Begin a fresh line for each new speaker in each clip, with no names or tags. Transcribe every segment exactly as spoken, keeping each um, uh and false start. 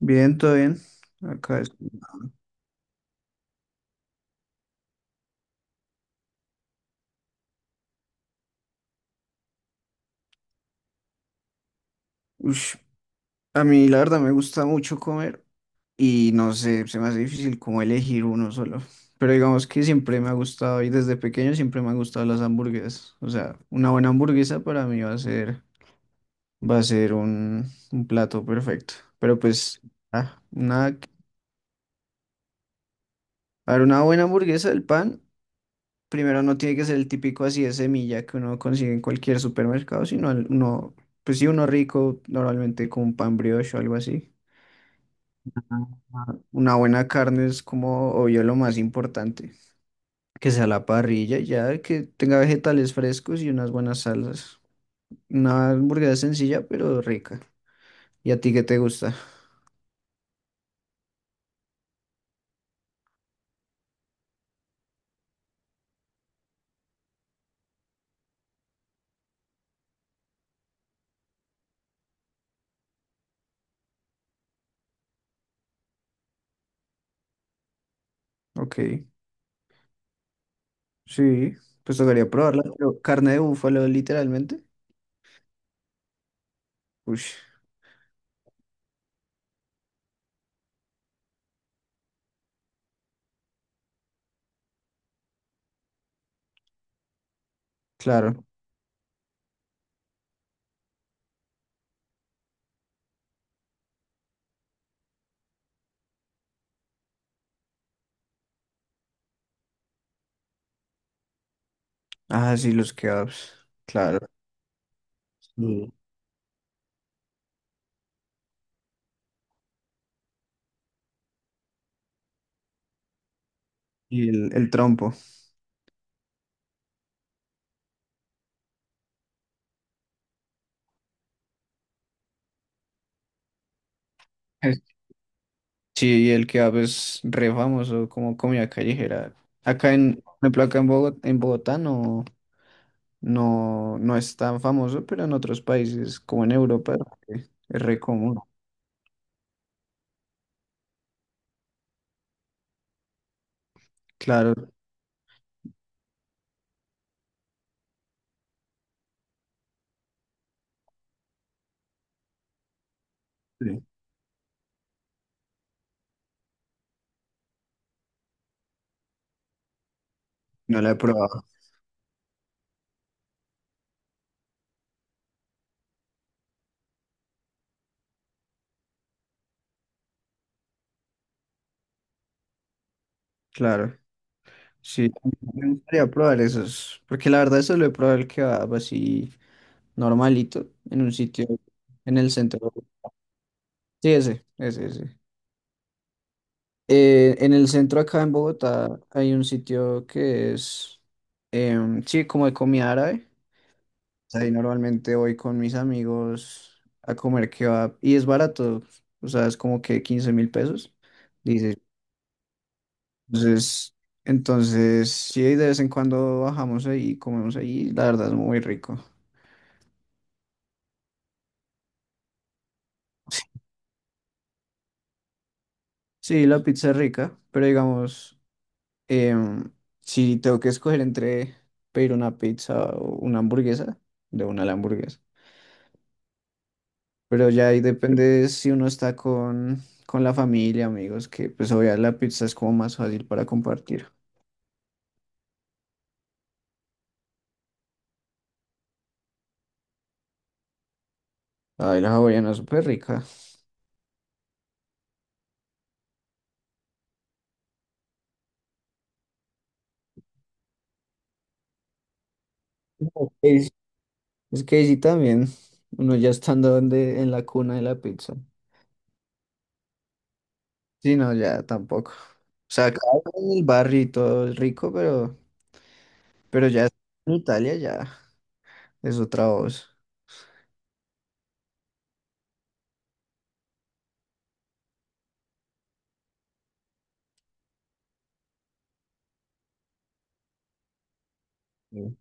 Bien, todo bien. Acá es... Ush, a mí la verdad me gusta mucho comer y no sé, se me hace difícil como elegir uno solo. Pero digamos que siempre me ha gustado y desde pequeño siempre me han gustado las hamburguesas. O sea, una buena hamburguesa para mí va a ser, va a ser un, un plato perfecto. Pero pues, ah, nada. que- A ver, una buena hamburguesa, el pan, primero no tiene que ser el típico así de semilla que uno consigue en cualquier supermercado, sino el- uno, pues sí, uno rico, normalmente con un pan brioche o algo así. Una buena carne es como, obvio, lo más importante. Que sea la parrilla, y ya que tenga vegetales frescos y unas buenas salsas. Una hamburguesa sencilla, pero rica. ¿Y a ti qué te gusta? Ok, sí, pues tocaría probarla. Pero carne de búfalo, literalmente. Uy, claro. Ah, sí, los kebabs. Claro. Sí. Y el, el trompo. Es- Sí, y el kebab es re famoso como comida callejera. Acá en, por ejemplo, acá en Bogotá, en Bogotá no. No, no es tan famoso, pero en otros países, como en Europa, eh, es re común. Claro, sí, no la he probado. Claro, sí, me gustaría probar esos, porque la verdad solo he probado el kebab así normalito, en un sitio, en el centro. Sí, ese, ese, ese. Eh, en el centro acá en Bogotá hay un sitio que es, em, sí, como de comida árabe. Ahí normalmente voy con mis amigos a comer kebab y es barato, o sea, es como que quince mil pesos, dice. Entonces, entonces, sí, de vez en cuando bajamos ahí y comemos ahí, la verdad es muy rico. Sí, la pizza es rica, pero digamos, em, si tengo que escoger entre pedir una pizza o una hamburguesa, de una la hamburguesa. Pero ya ahí depende si uno está con, con la familia, amigos, que pues obviamente la pizza es como más fácil para compartir. Ay, la hawaiana es súper rica. Es- Es que sí también, uno ya estando donde, en la cuna de la pizza. Sí, no, ya tampoco. O sea, acá en el barrio y todo es rico, pero, pero ya en Italia ya es otra voz. Sí.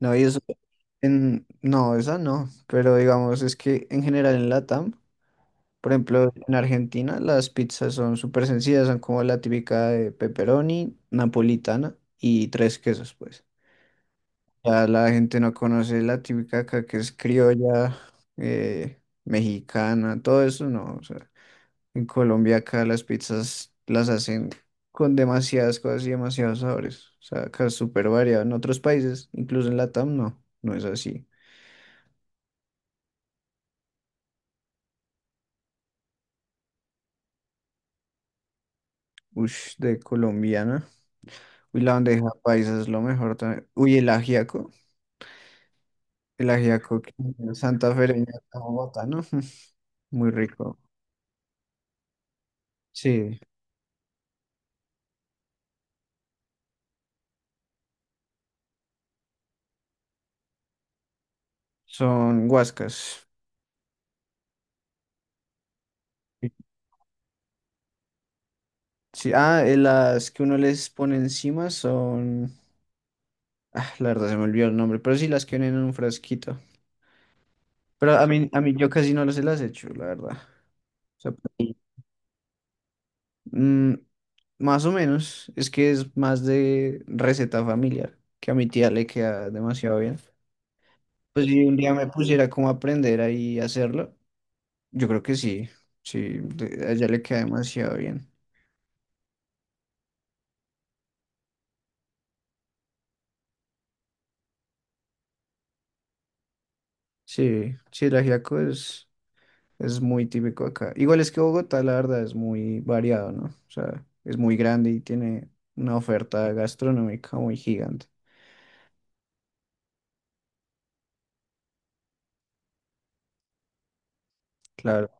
No, y eso en, no, esa no, pero digamos, es que en general en Latam, por ejemplo, en Argentina las pizzas son súper sencillas, son como la típica de pepperoni, napolitana y tres quesos, pues. Ya la gente no conoce la típica acá que es criolla, eh, mexicana, todo eso no. O sea, en Colombia acá las pizzas las hacen con demasiadas cosas y demasiados sabores. O sea, acá es súper variado. En otros países, incluso en Latam, no, no es así. Ush, de colombiana. Uy, la bandeja paisa es lo mejor también. Uy, el ajiaco. El ajiaco que es Santa Fe, ¿no? Muy rico. Sí, son guascas. Sí, ah, eh, las que uno les pone encima son... Ah, la verdad se me olvidó el nombre, pero sí las que vienen en un frasquito. Pero a mí, a mí yo casi no se las hecho, la verdad. O sea, para mí, mm, más o menos, es que es más de receta familiar, que a mi tía le queda demasiado bien. Pues si un día me pusiera como a aprender ahí a hacerlo, yo creo que sí, sí, de- a ella le queda demasiado bien. Sí, sí, el ajiaco es... Es muy típico acá. Igual es que Bogotá, la verdad, es muy variado, ¿no? O sea, es muy grande y tiene una oferta gastronómica muy gigante. Claro.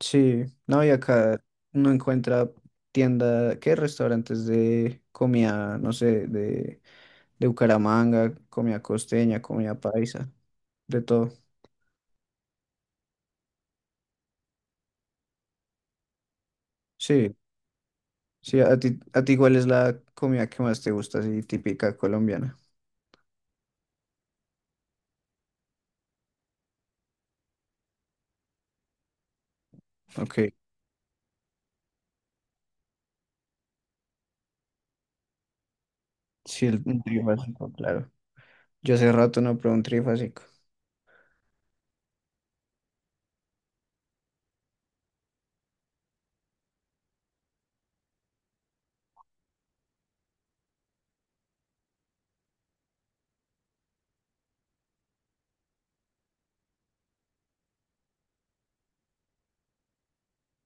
Sí, no, y acá uno encuentra tienda, ¿qué? Restaurantes de comida, no sé, de, de Bucaramanga, comida costeña, comida paisa, de todo. Sí, sí, a ti, a ti ¿cuál es la comida que más te gusta, así típica colombiana? Ok, sí, el un trifásico, claro. Yo hace rato no pruebo un trifásico.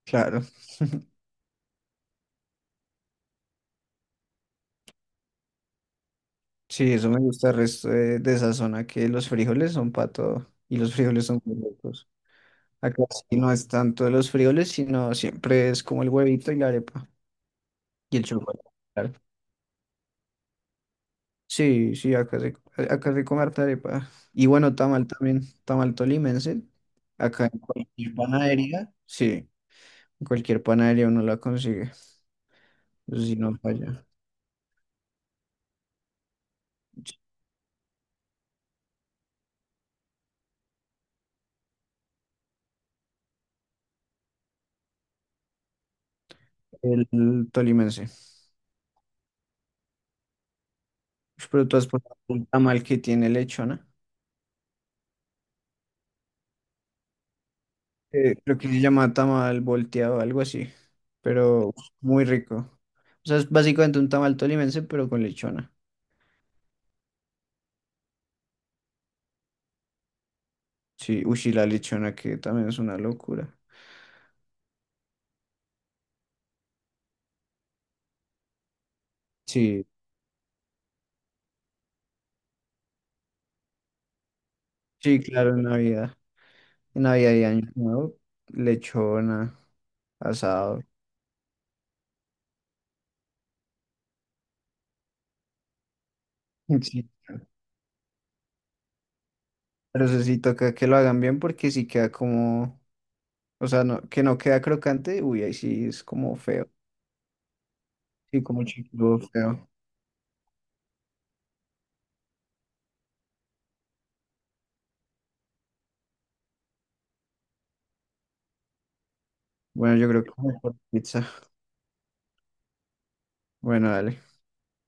Claro. Sí, eso me gusta el resto de, de esa zona, que los frijoles son para todo y los frijoles son muy ricos. Acá sí no es tanto de los frijoles, sino siempre es como el huevito y la arepa y el chocolate. Claro. Sí, sí, acá se, acá se come harta arepa. Y bueno, tamal también, tamal tolimense. Acá en cualquier panadería, sí, en cualquier panadería uno la consigue. Eso sí, no falla. El, tolimense. Pero tú has probado un tamal que tiene lechona. Eh, creo que se llama tamal volteado, algo así, pero muy rico. O sea, es básicamente un tamal tolimense, pero con lechona. Sí, uy, sí, la lechona que también es una locura. Sí, sí, claro, en Navidad. En Navidad y Año Nuevo, lechona, asado. Sí. Pero eso sí toca que lo hagan bien porque sí queda como, o sea, no, que no queda crocante, uy, ahí sí es como feo. Sí, como chiquito, feo. Bueno, yo creo que mejor pizza. Bueno, dale.